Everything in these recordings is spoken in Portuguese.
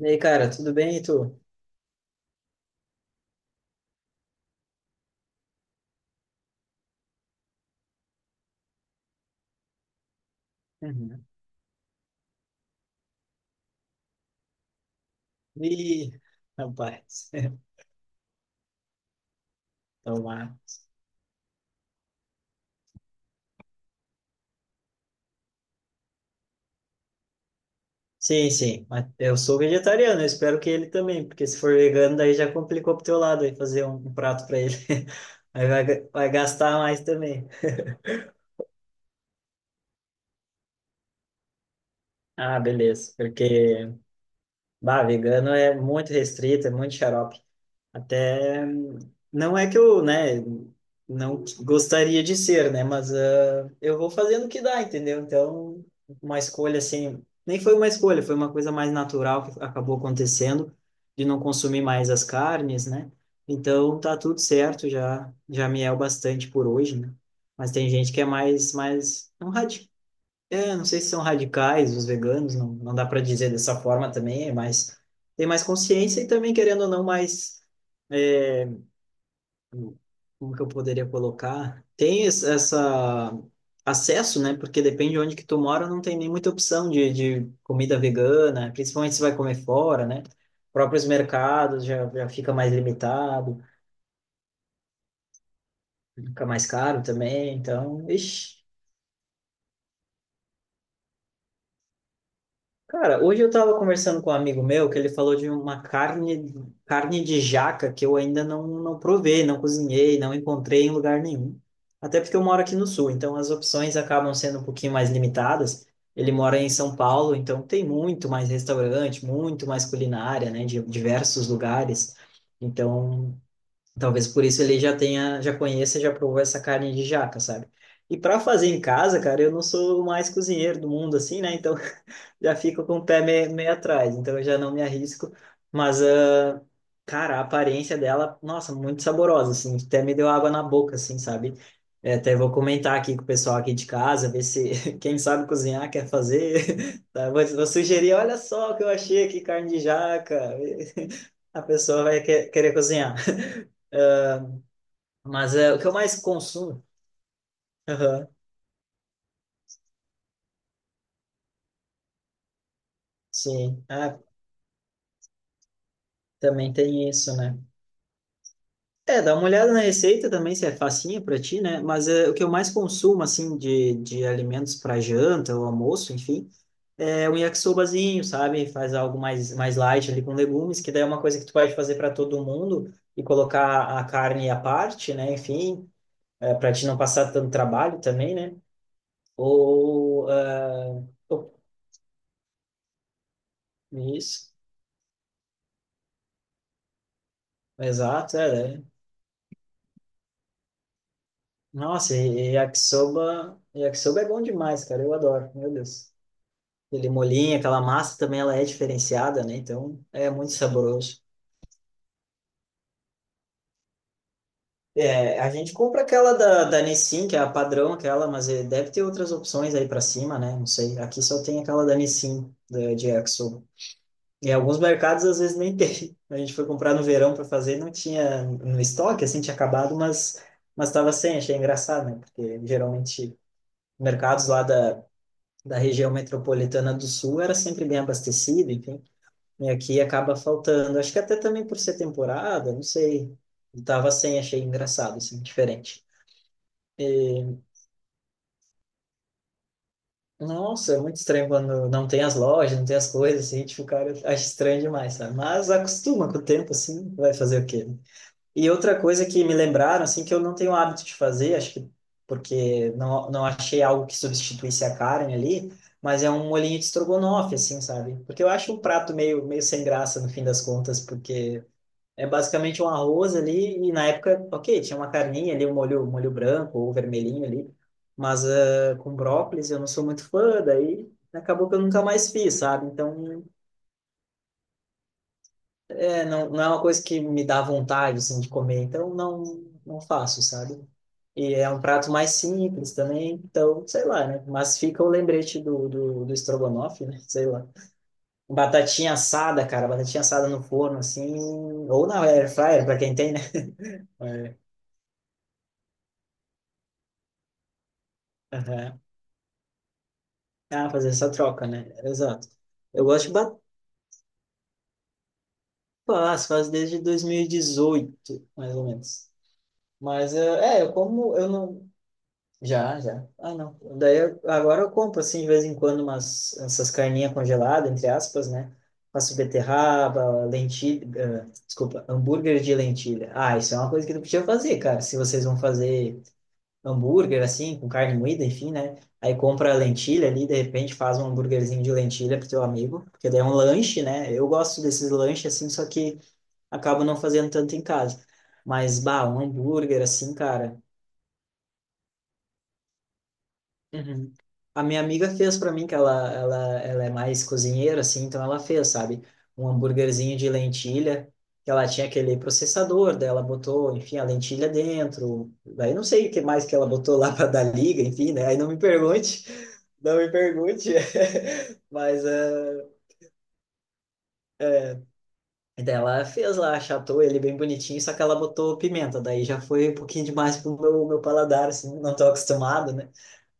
E aí, cara, tudo bem, e tu? Uhum. Ih, rapaz, tomar. Sim, sim, mas eu sou vegetariano, eu espero que ele também, porque se for vegano, daí já complicou pro teu lado, aí fazer um prato pra ele, aí vai, vai gastar mais também. Ah, beleza, porque, bah, vegano é muito restrito, é muito xarope. Até não é que eu, né, não gostaria de ser, né, mas eu vou fazendo o que dá, entendeu? Então, uma escolha assim, nem foi uma escolha, foi uma coisa mais natural que acabou acontecendo de não consumir mais as carnes, né? Então, tá tudo certo, já já me é o bastante por hoje, né? Mas tem gente que é mais não radi é, não sei se são radicais os veganos, não dá para dizer dessa forma também, é mais tem mais consciência e também querendo ou não mais como que eu poderia colocar? Tem essa acesso, né? Porque depende de onde que tu mora, não tem nem muita opção de, comida vegana, principalmente se vai comer fora, né? Próprios mercados já fica mais limitado, fica mais caro também, então, ixi. Cara, hoje eu tava conversando com um amigo meu que ele falou de uma carne, de jaca que eu ainda não provei, não cozinhei, não encontrei em lugar nenhum. Até porque eu moro aqui no sul, então as opções acabam sendo um pouquinho mais limitadas. Ele mora em São Paulo, então tem muito mais restaurante, muito mais culinária, né, de diversos lugares. Então, talvez por isso ele já tenha, já conheça, já provou essa carne de jaca, sabe? E para fazer em casa, cara, eu não sou o mais cozinheiro do mundo, assim, né? Então já fico com o pé meio atrás, então eu já não me arrisco. Mas, cara, a aparência dela, nossa, muito saborosa, assim, até me deu água na boca, assim, sabe? É, até vou comentar aqui com o pessoal aqui de casa, ver se quem sabe cozinhar quer fazer. Tá? Vou sugerir, olha só o que eu achei aqui, carne de jaca. A pessoa vai querer cozinhar. Mas é o que eu mais consumo. Aham. Sim. Ah, também tem isso, né? É, dá uma olhada na receita também, se é facinha para ti, né? Mas é, o que eu mais consumo, assim, de, alimentos para janta ou almoço, enfim, é um yakisobazinho, sabe? Faz algo mais light ali com legumes, que daí é uma coisa que tu pode fazer para todo mundo e colocar a carne à parte, né? Enfim, é, para te não passar tanto trabalho também, né? Ou. Oh, isso, exato, é, né. Nossa, e yakisoba, yakisoba é bom demais, cara. Eu adoro, meu Deus, ele molhinho, aquela massa também, ela é diferenciada, né? Então, é muito saboroso. É, a gente compra aquela da Nissin, que é a padrão, aquela, mas deve ter outras opções aí pra cima, né? Não sei. Aqui só tem aquela da Nissin, de yakisoba. E alguns mercados, às vezes, nem tem. A gente foi comprar no verão para fazer, não tinha no estoque, assim, tinha acabado, mas estava sem. Achei engraçado, né? Porque geralmente mercados lá da região metropolitana do Sul era sempre bem abastecido, enfim, e aqui acaba faltando. Acho que até também por ser temporada, não sei. Eu tava sem, achei engraçado, assim, diferente. Nossa, é muito estranho quando não tem as lojas, não tem as coisas, assim, tipo, o cara acha estranho demais, sabe? Mas acostuma com o tempo, assim, vai fazer o quê, né? E outra coisa que me lembraram, assim, que eu não tenho hábito de fazer, acho que porque não, achei algo que substituísse a carne ali, mas é um molhinho de estrogonofe, assim, sabe? Porque eu acho o prato meio, sem graça no fim das contas, porque é basicamente um arroz ali, e na época, ok, tinha uma carninha ali, um molho branco ou vermelhinho ali, mas com brócolis eu não sou muito fã, daí acabou que eu nunca mais fiz, sabe? Então é, não, não é uma coisa que me dá vontade, assim, de comer, então não, não, faço, sabe? E é um prato mais simples também, então, sei lá, né? Mas fica o lembrete do estrogonofe, né? Sei lá. Batatinha assada, cara, batatinha assada no forno, assim, ou na air fryer, pra quem tem, né? É. Aham. Ah, fazer essa troca, né? Exato. Eu gosto de batata, faz desde 2018, mais ou menos. Mas, é, eu como, eu não. Já, já. Ah, não. Daí agora eu compro assim de vez em quando umas essas carninhas congeladas, entre aspas, né? Faço beterraba, lentilha, ah, desculpa, hambúrguer de lentilha. Ah, isso é uma coisa que tu podia fazer, cara. Se vocês vão fazer hambúrguer assim, com carne moída, enfim, né? Aí compra a lentilha ali, de repente faz um hambúrguerzinho de lentilha pro teu amigo, porque daí é um lanche, né? Eu gosto desses lanches assim, só que acabo não fazendo tanto em casa. Mas, bah, um hambúrguer assim, cara. Uhum. A minha amiga fez para mim que ela é mais cozinheira, assim, então ela fez, sabe, um hambúrguerzinho de lentilha, que ela tinha aquele processador, daí ela botou, enfim, a lentilha dentro, daí não sei o que mais que ela botou lá para dar liga, enfim, né? Aí não me pergunte, não me pergunte, mas daí ela fez lá, achatou ele bem bonitinho, só que ela botou pimenta, daí já foi um pouquinho demais pro meu, paladar, assim, não tô acostumado, né?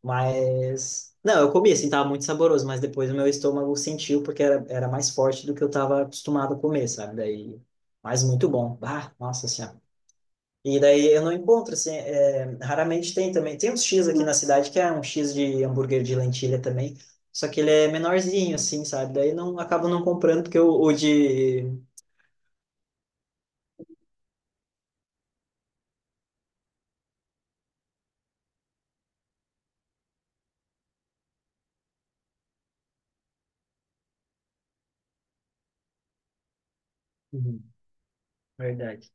Mas. Não, eu comi, assim, tava muito saboroso, mas depois o meu estômago sentiu porque era mais forte do que eu tava acostumado a comer, sabe? Daí. Mas muito bom. Ah, nossa senhora. E daí eu não encontro, assim, é, raramente tem também. Tem uns X aqui na cidade que é um X de hambúrguer de lentilha também, só que ele é menorzinho, assim, sabe? Daí não acabo não comprando porque o de. Uhum, verdade.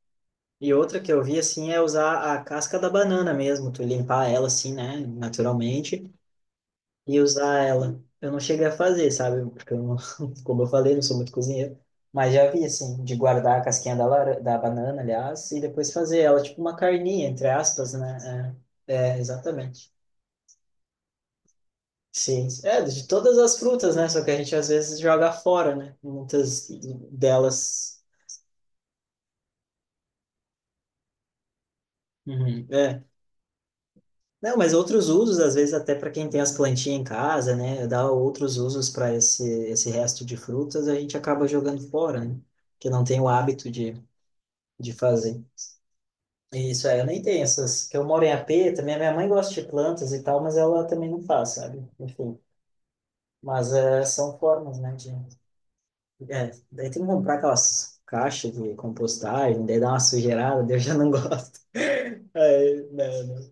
E outra que eu vi assim é usar a casca da banana mesmo, tu limpar ela assim, né, naturalmente, e usar ela. Eu não cheguei a fazer, sabe? Porque eu não, como eu falei, não sou muito cozinheiro, mas já vi assim, de guardar a casquinha da, da banana, aliás, e depois fazer ela tipo uma carninha, entre aspas, né? É, exatamente. Sim, é de todas as frutas, né? Só que a gente às vezes joga fora, né? Muitas delas. Uhum. É. Não, mas outros usos, às vezes até para quem tem as plantinhas em casa, né, dá outros usos para esse, resto de frutas, a gente acaba jogando fora, né, que não tem o hábito de fazer. E isso aí, eu nem tenho essas, que eu moro em AP, também a minha mãe gosta de plantas e tal, mas ela também não faz, sabe? Enfim, mas são formas, né, de. É, daí tem que comprar aquelas caixas de compostagem, daí dá uma sujeirada, daí eu já não gosto. É, né,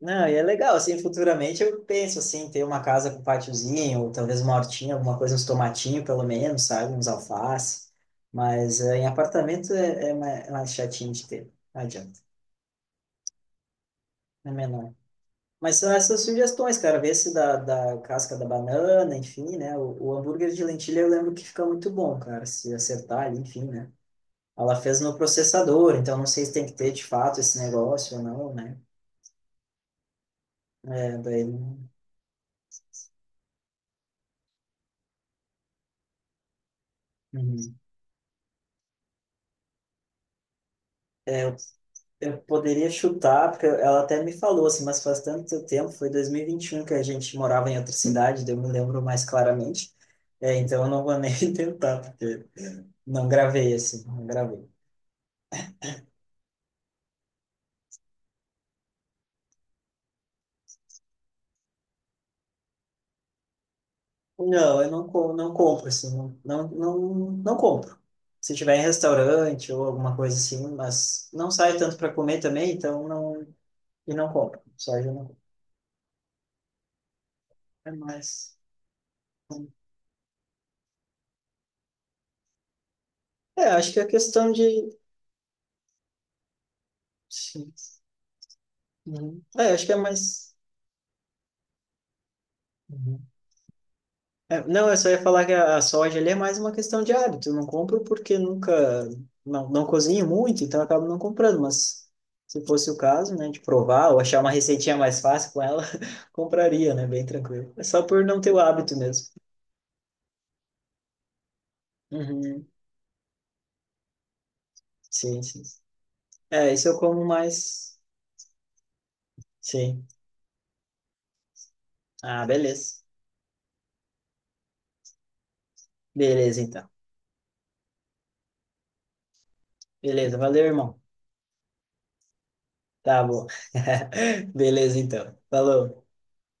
não, e é legal, assim, futuramente eu penso, assim, ter uma casa com pátiozinho ou talvez uma hortinha, alguma coisa, uns tomatinhos pelo menos, sabe? Uns alface. Mas em apartamento é mais chatinho de ter, não adianta, é menor. Mas são essas sugestões, cara, ver se da casca da banana, enfim, né? O hambúrguer de lentilha eu lembro que fica muito bom, cara, se acertar ali, enfim, né? Ela fez no processador, então não sei se tem que ter de fato esse negócio ou não, né? É, daí. Uhum. É, eu poderia chutar, porque ela até me falou assim, mas faz tanto tempo, foi dois mil e vinte e um que a gente morava em outra cidade, daí eu me lembro mais claramente. É, então eu não vou nem tentar, porque não gravei assim, não gravei. Não, eu não, não compro assim, não, não, não, não compro. Se tiver em restaurante ou alguma coisa assim, mas não saio tanto para comer também, então não, e não compro. Soja eu não compro. É mais. É, acho que é questão de. Sim. Uhum. É, acho que é mais. É, não, eu só ia falar que a, soja ali é mais uma questão de hábito. Eu não compro porque nunca, não cozinho muito, então eu acabo não comprando. Mas se fosse o caso, né, de provar ou achar uma receitinha mais fácil com ela, compraria, né, bem tranquilo. É só por não ter o hábito mesmo. Uhum. Sim, sim. É, isso eu como mais. Sim. Ah, beleza. Beleza, então. Beleza, valeu, irmão. Tá bom. Beleza, então. Falou.